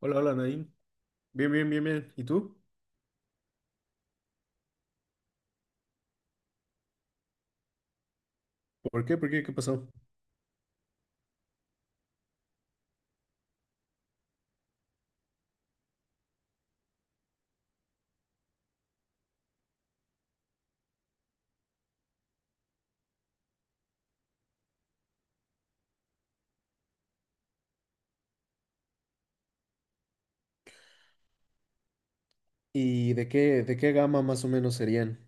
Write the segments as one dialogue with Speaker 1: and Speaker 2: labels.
Speaker 1: Hola, hola, Naim. Bien, bien, bien, bien. ¿Y tú? ¿Por qué? ¿Por qué? ¿Qué pasó? ¿Y de qué gama más o menos serían?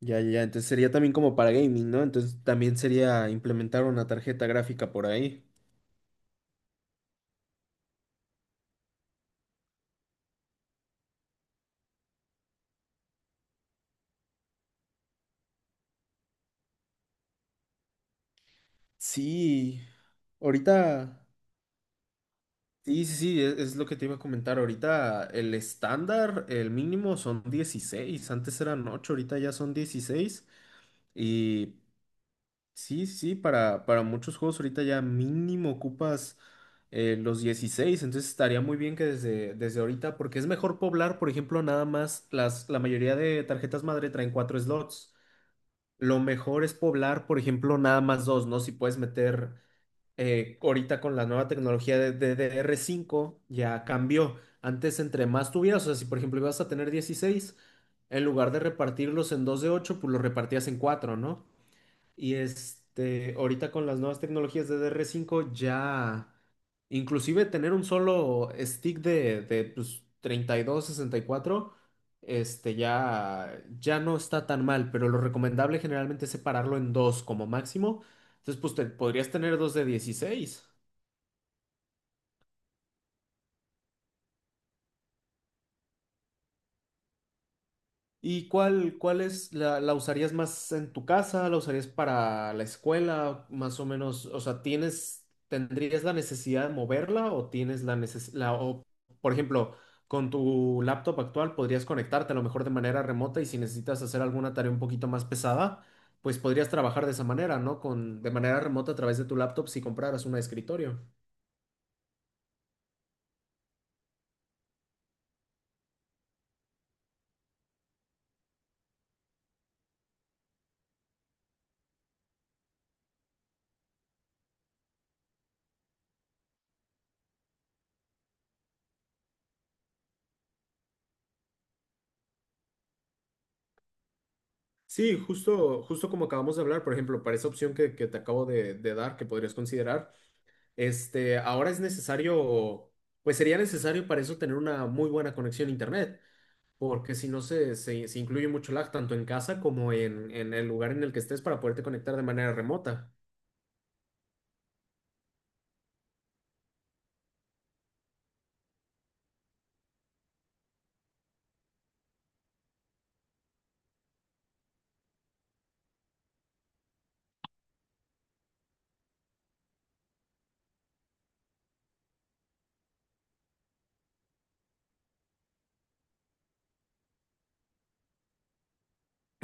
Speaker 1: Ya, ya, ya. Entonces sería también como para gaming, ¿no? Entonces también sería implementar una tarjeta gráfica por ahí. Sí, ahorita. Sí, sí, sí, es lo que te iba a comentar. Ahorita el estándar, el mínimo son 16. Antes eran ocho, ahorita ya son 16. Y Sí, sí, para muchos juegos ahorita ya mínimo ocupas los 16, entonces estaría muy bien que desde ahorita, porque es mejor poblar, por ejemplo, nada más la mayoría de tarjetas madre traen cuatro slots. Lo mejor es poblar, por ejemplo, nada más dos, ¿no? Si puedes meter ahorita con la nueva tecnología de DDR5, ya cambió. Antes, entre más tuvieras, o sea, si por ejemplo ibas a tener 16, en lugar de repartirlos en dos de ocho, pues los repartías en cuatro, ¿no? Y este, ahorita con las nuevas tecnologías de dr cinco ya, inclusive tener un solo stick de pues, 32, 64. Este, ya, ya no está tan mal, pero lo recomendable generalmente es separarlo en dos como máximo. Entonces, pues podrías tener dos de 16. ¿Y cuál es, la usarías más en tu casa? ¿La usarías para la escuela? Más o menos, o sea, tendrías la necesidad de moverla o tienes la necesidad, o por ejemplo, con tu laptop actual podrías conectarte a lo mejor de manera remota y si necesitas hacer alguna tarea un poquito más pesada, pues podrías trabajar de esa manera, ¿no? De manera remota a través de tu laptop si compraras una de escritorio. Sí, justo como acabamos de hablar, por ejemplo, para esa opción que te acabo de dar, que podrías considerar. Este, ahora es necesario, pues sería necesario para eso tener una muy buena conexión a internet, porque si no se incluye mucho lag tanto en casa como en el lugar en el que estés para poderte conectar de manera remota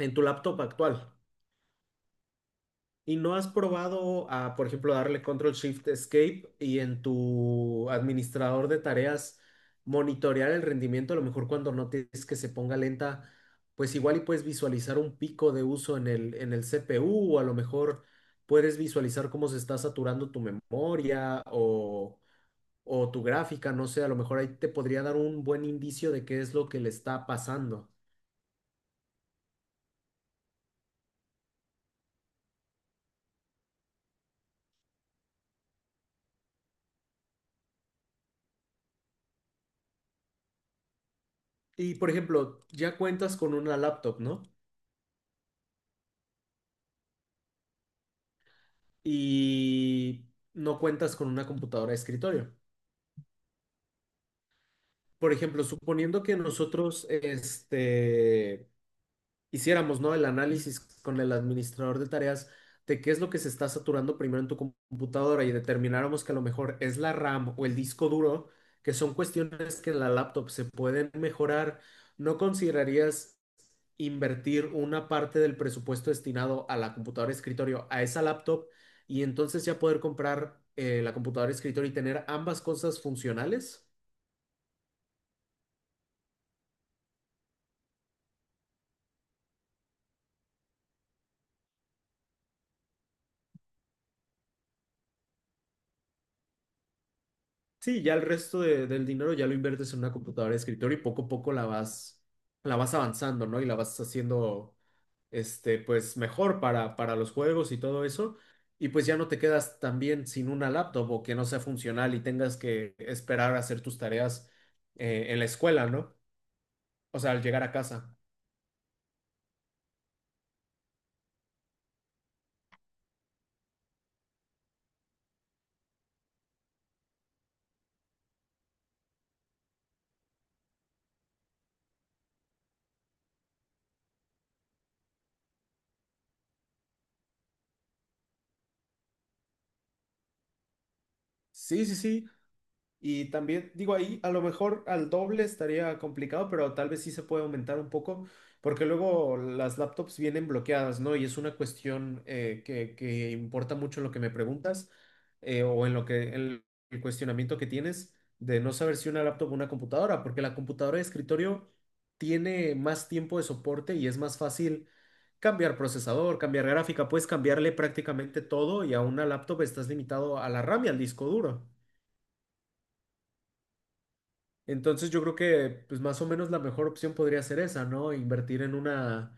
Speaker 1: en tu laptop actual. ¿Y no has probado a, por ejemplo, darle Control Shift Escape y en tu administrador de tareas monitorear el rendimiento? A lo mejor cuando notes que se ponga lenta, pues igual y puedes visualizar un pico de uso en el CPU o a lo mejor puedes visualizar cómo se está saturando tu memoria o tu gráfica, no sé, a lo mejor ahí te podría dar un buen indicio de qué es lo que le está pasando. Y, por ejemplo, ya cuentas con una laptop, ¿no? Y no cuentas con una computadora de escritorio. Por ejemplo, suponiendo que nosotros, este, hiciéramos, ¿no? El análisis con el administrador de tareas de qué es lo que se está saturando primero en tu computadora y determináramos que a lo mejor es la RAM o el disco duro, que son cuestiones que en la laptop se pueden mejorar, ¿no considerarías invertir una parte del presupuesto destinado a la computadora de escritorio, a esa laptop, y entonces ya poder comprar la computadora de escritorio y tener ambas cosas funcionales? Sí, ya el resto del dinero ya lo inviertes en una computadora de escritorio y poco a poco la vas avanzando, ¿no? Y la vas haciendo, este, pues mejor para los juegos y todo eso. Y pues ya no te quedas también sin una laptop o que no sea funcional y tengas que esperar a hacer tus tareas en la escuela, ¿no? O sea, al llegar a casa. Sí, sí, sí. Y también, digo, ahí a lo mejor al doble estaría complicado, pero tal vez sí se puede aumentar un poco, porque luego las laptops vienen bloqueadas, ¿no? Y es una cuestión que importa mucho en lo que me preguntas o en lo que en el cuestionamiento que tienes de no saber si una laptop o una computadora, porque la computadora de escritorio tiene más tiempo de soporte y es más fácil cambiar procesador, cambiar gráfica, puedes cambiarle prácticamente todo y a una laptop estás limitado a la RAM y al disco duro. Entonces yo creo que pues más o menos la mejor opción podría ser esa, ¿no? Invertir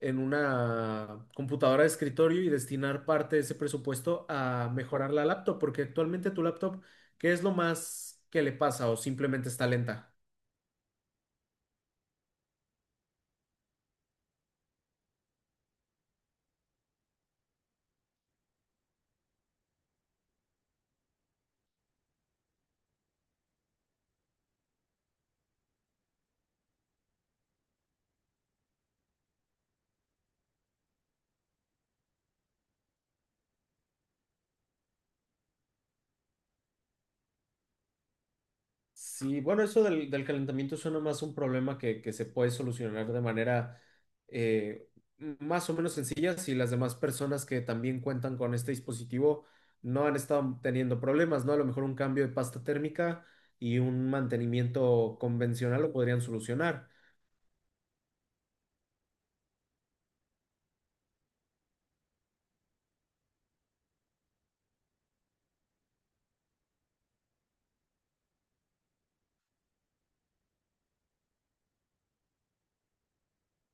Speaker 1: en una computadora de escritorio y destinar parte de ese presupuesto a mejorar la laptop, porque actualmente tu laptop, ¿qué es lo más que le pasa o simplemente está lenta? Sí, bueno, eso del calentamiento suena más un problema que se puede solucionar de manera eh, más o menos sencilla si las demás personas que también cuentan con este dispositivo no han estado teniendo problemas, ¿no? A lo mejor un cambio de pasta térmica y un mantenimiento convencional lo podrían solucionar.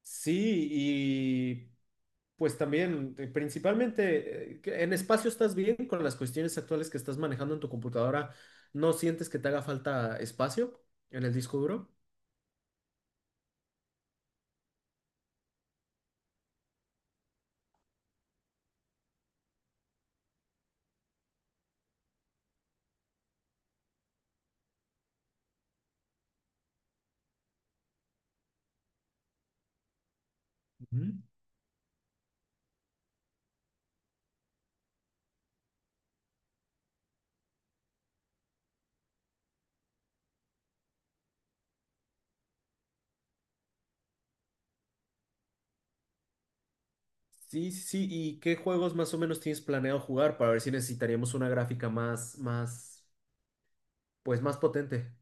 Speaker 1: Sí, y pues también, principalmente, que en espacio estás bien con las cuestiones actuales que estás manejando en tu computadora, ¿no sientes que te haga falta espacio en el disco duro? Mm. Sí, sí, sí. ¿Y qué juegos más o menos tienes planeado jugar para ver si necesitaríamos una gráfica pues más potente?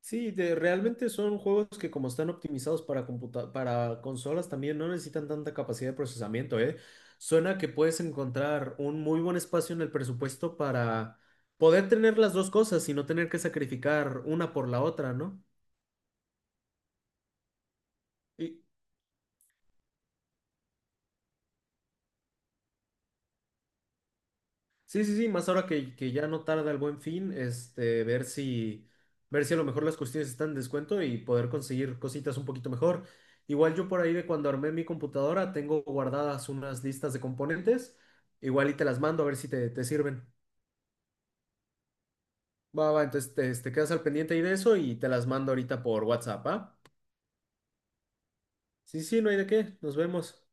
Speaker 1: Sí, realmente son juegos que como están optimizados para para consolas también no necesitan tanta capacidad de procesamiento, ¿eh? Suena que puedes encontrar un muy buen espacio en el presupuesto para poder tener las dos cosas y no tener que sacrificar una por la otra, ¿no? Y, Sí, sí, sí, más ahora que ya no tarda el Buen Fin, este, ver si a lo mejor las cuestiones están en descuento y poder conseguir cositas un poquito mejor. Igual yo por ahí de cuando armé mi computadora tengo guardadas unas listas de componentes, igual y te las mando a ver si te sirven. Va, va, entonces te quedas al pendiente ahí de eso y te las mando ahorita por WhatsApp, ¿ah? Sí, sí, no hay de qué, nos vemos.